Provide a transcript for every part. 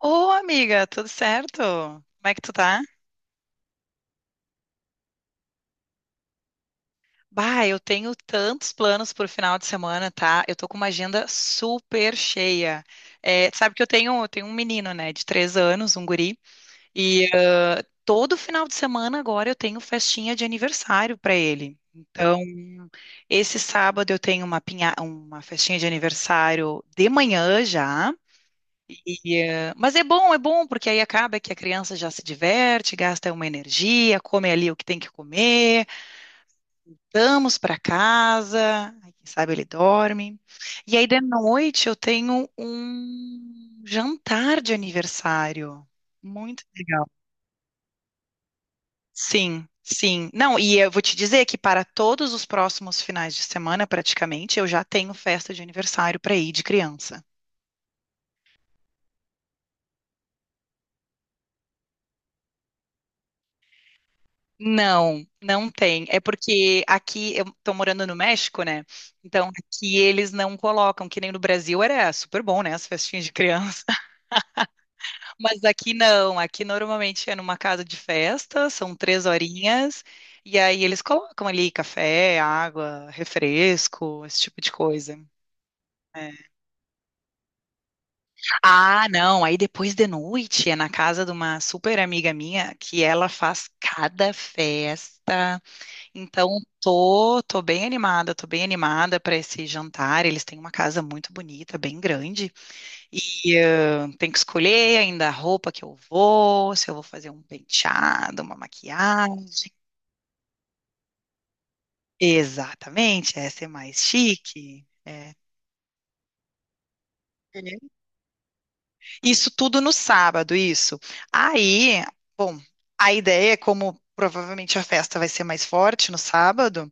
Ô, amiga, tudo certo? Como é que tu tá? Bah, eu tenho tantos planos pro final de semana, tá? Eu tô com uma agenda super cheia. É, tu sabe que eu tenho um menino, né, de 3 anos, um guri, e todo final de semana agora eu tenho festinha de aniversário pra ele. Então, esse sábado eu tenho uma festinha de aniversário de manhã já. E, mas é bom, porque aí acaba que a criança já se diverte, gasta uma energia, come ali o que tem que comer, vamos para casa, aí quem sabe ele dorme. E aí de noite eu tenho um jantar de aniversário. Muito legal. Sim, sim. Não, e eu vou te dizer que para todos os próximos finais de semana, praticamente, eu já tenho festa de aniversário para ir de criança. Não, não tem. É porque aqui eu tô morando no México, né? Então aqui eles não colocam, que nem no Brasil era super bom, né? As festinhas de criança. Mas aqui não. Aqui normalmente é numa casa de festa, são 3 horinhas, e aí eles colocam ali café, água, refresco, esse tipo de coisa. É. Ah, não. Aí depois de noite é na casa de uma super amiga minha que ela faz cada festa. Então, tô bem animada, tô bem animada para esse jantar. Eles têm uma casa muito bonita, bem grande, e tem que escolher ainda a roupa que eu vou, se eu vou fazer um penteado, uma maquiagem. Exatamente, essa é mais chique. É. É. Isso tudo no sábado, isso. Aí, bom, a ideia é como provavelmente a festa vai ser mais forte no sábado,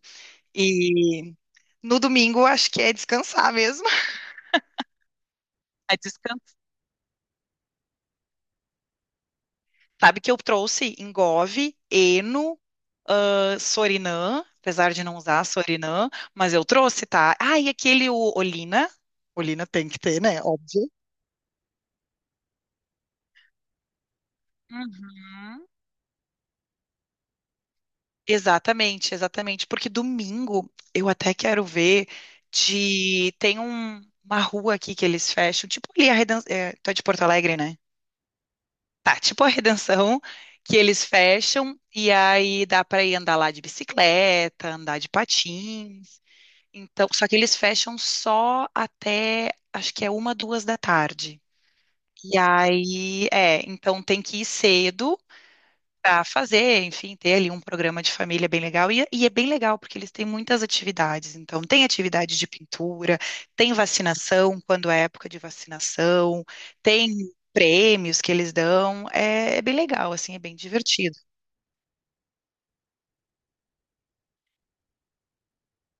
e no domingo acho que é descansar mesmo. É. Sabe que eu trouxe Engove, Eno, Sorinã, apesar de não usar Sorinã, mas eu trouxe, tá? Ah, e aquele o Olina. Olina tem que ter, né? Óbvio. Uhum. Exatamente, exatamente. Porque domingo eu até quero ver de. Tem uma rua aqui que eles fecham, tipo ali a Redenção. É, tu é de Porto Alegre, né? Tá, tipo a Redenção, que eles fecham e aí dá pra ir andar lá de bicicleta, andar de patins. Então, só que eles fecham só até, acho que é uma, duas da tarde. E aí, é, então tem que ir cedo para fazer, enfim, ter ali um programa de família bem legal. E, é bem legal, porque eles têm muitas atividades. Então, tem atividade de pintura, tem vacinação, quando é época de vacinação, tem prêmios que eles dão. É bem legal, assim, é bem divertido.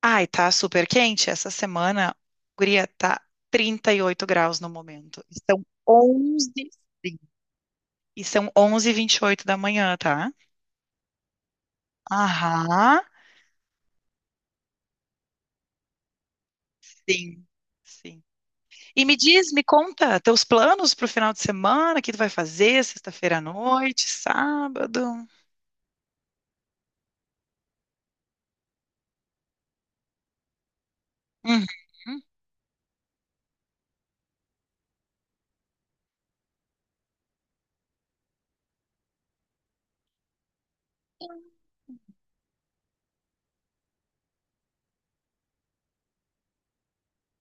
Ai, tá super quente. Essa semana, guria, tá 38 graus no momento. Estão 11 sim. E são 11h28 da manhã, tá? Aham, sim, sim. E me diz, me conta, teus planos pro final de semana, o que tu vai fazer sexta-feira à noite, sábado? Uhum.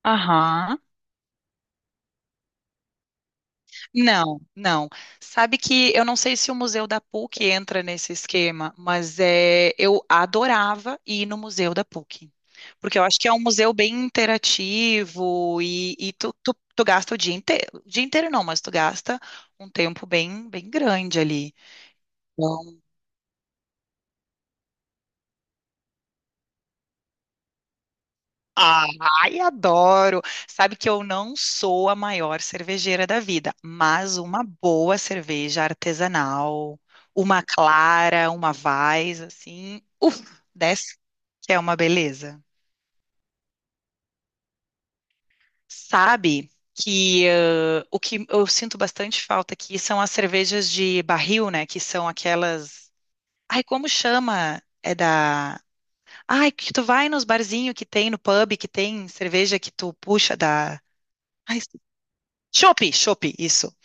Aham, não, não. Sabe que eu não sei se o Museu da PUC entra nesse esquema, mas é, eu adorava ir no Museu da PUC. Porque eu acho que é um museu bem interativo e, tu gasta o dia inteiro. O dia inteiro não, mas tu gasta um tempo bem, bem grande ali. Ai, adoro! Sabe que eu não sou a maior cervejeira da vida, mas uma boa cerveja artesanal, uma clara, uma Weiss, assim, Uff, desce, que é uma beleza. Sabe que o que eu sinto bastante falta aqui são as cervejas de barril, né? Que são aquelas. Ai, como chama? É da. Ai, que tu vai nos barzinhos que tem, no pub, que tem cerveja que tu puxa da. Chopp, chopp, isso.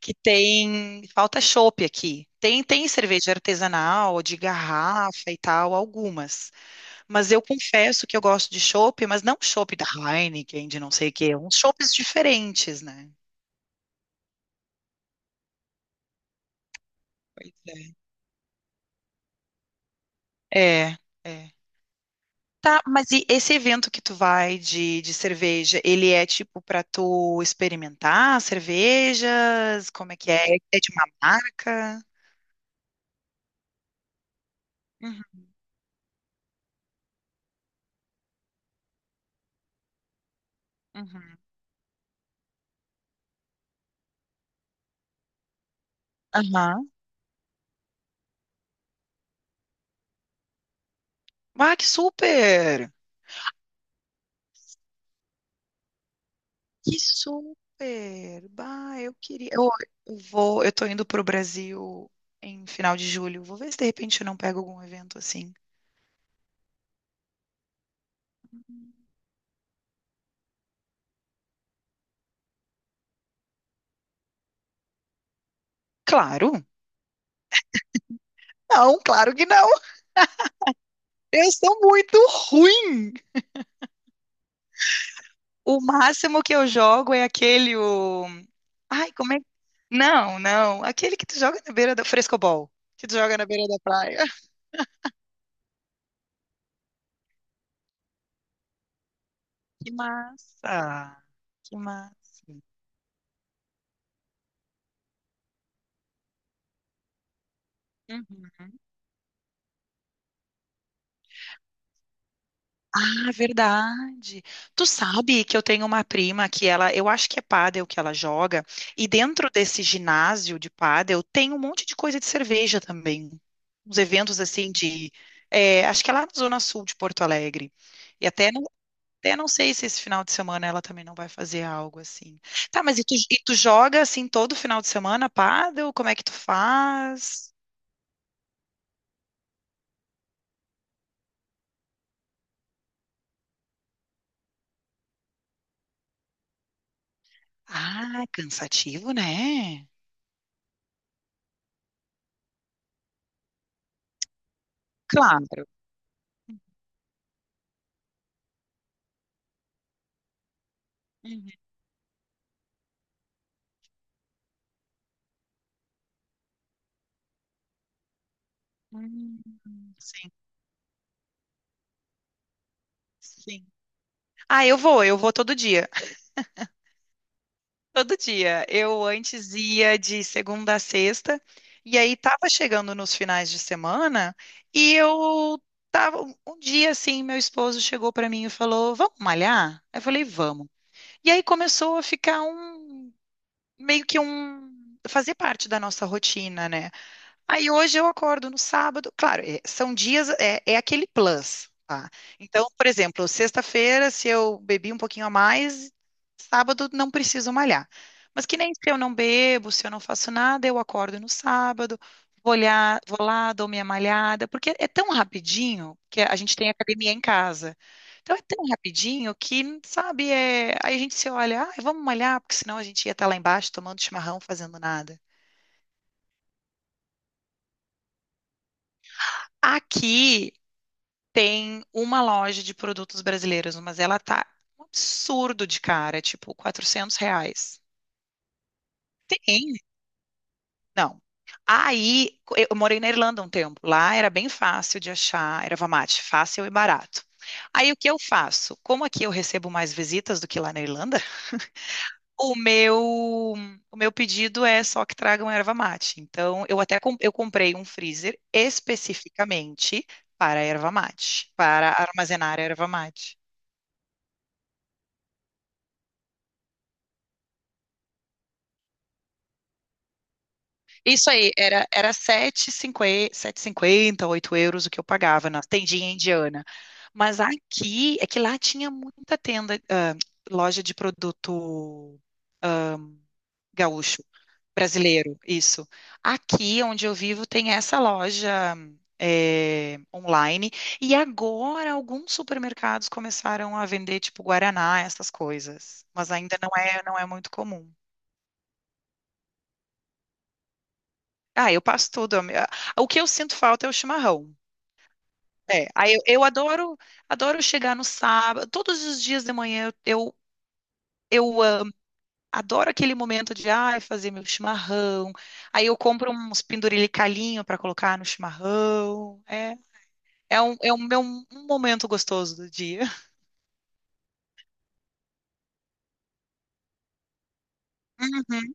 Que tem, falta chopp aqui. Tem cerveja artesanal, de garrafa e tal, algumas. Mas eu confesso que eu gosto de chopp, mas não chopp da Heineken, de não sei o quê, uns chopps diferentes, né? Pois é. É, é. Tá, mas e esse evento que tu vai de cerveja, ele é tipo pra tu experimentar cervejas? Como é que é? É de uma marca? Uhum, uhum. Aham. Ah, que super! Que super! Bah, eu queria. Eu, vou, eu tô indo pro Brasil em final de julho. Vou ver se de repente eu não pego algum evento assim. Claro! Não, claro que não! Eu sou muito ruim! O máximo que eu jogo é aquele o. Ai, como é? Não, não. Aquele que tu joga na beira da frescobol. Que tu joga na beira da praia. Que massa! Que massa! Uhum. Ah, verdade. Tu sabe que eu tenho uma prima que ela, eu acho que é pádel que ela joga, e dentro desse ginásio de pádel tem um monte de coisa de cerveja também. Uns eventos assim de, é, acho que é lá na Zona Sul de Porto Alegre. E até não sei se esse final de semana ela também não vai fazer algo assim. Tá, mas e tu, joga assim todo final de semana pádel? Como é que tu faz? Ah, cansativo, né? Claro. Uhum. Hum, sim. Sim. Ah, eu vou todo dia. Todo dia. Eu antes ia de segunda a sexta, e aí tava chegando nos finais de semana, e eu tava um dia assim, meu esposo chegou pra mim e falou: "Vamos malhar?" Eu falei: "Vamos". E aí começou a ficar um meio que um fazer parte da nossa rotina, né? Aí hoje eu acordo no sábado, claro, são dias, é aquele plus, tá? Então, por exemplo, sexta-feira, se eu bebi um pouquinho a mais, sábado não preciso malhar. Mas que nem se eu não bebo, se eu não faço nada, eu acordo no sábado, vou olhar, vou lá, dou minha malhada, porque é tão rapidinho que a gente tem academia em casa. Então é tão rapidinho que, sabe, aí a gente se olha, ah, vamos malhar, porque senão a gente ia estar lá embaixo tomando chimarrão, fazendo nada. Aqui tem uma loja de produtos brasileiros, mas ela tá um absurdo de cara, é tipo 400 reais. Tem? Não. Aí, eu morei na Irlanda um tempo. Lá era bem fácil de achar erva mate, fácil e barato. Aí o que eu faço? Como aqui eu recebo mais visitas do que lá na Irlanda, o meu o meu pedido é só que tragam erva mate. Então, eu até eu comprei um freezer especificamente para erva mate, para armazenar erva mate. Isso aí, era 7,50, 58 euros o que eu pagava na tendinha indiana. Mas aqui, é que lá tinha muita tenda, loja de produto gaúcho, brasileiro, isso. Aqui, onde eu vivo, tem essa loja, online. E agora, alguns supermercados começaram a vender, tipo, Guaraná, essas coisas. Mas ainda não é muito comum. Ah, eu passo tudo. O que eu sinto falta é o chimarrão. É, aí eu adoro, adoro chegar no sábado, todos os dias de manhã eu, amo, adoro aquele momento de, ai, fazer meu chimarrão, aí eu compro uns penduricalhinho para colocar no chimarrão, é um meu um momento gostoso do dia. Uhum.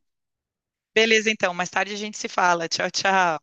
Beleza, então, mais tarde a gente se fala, tchau, tchau.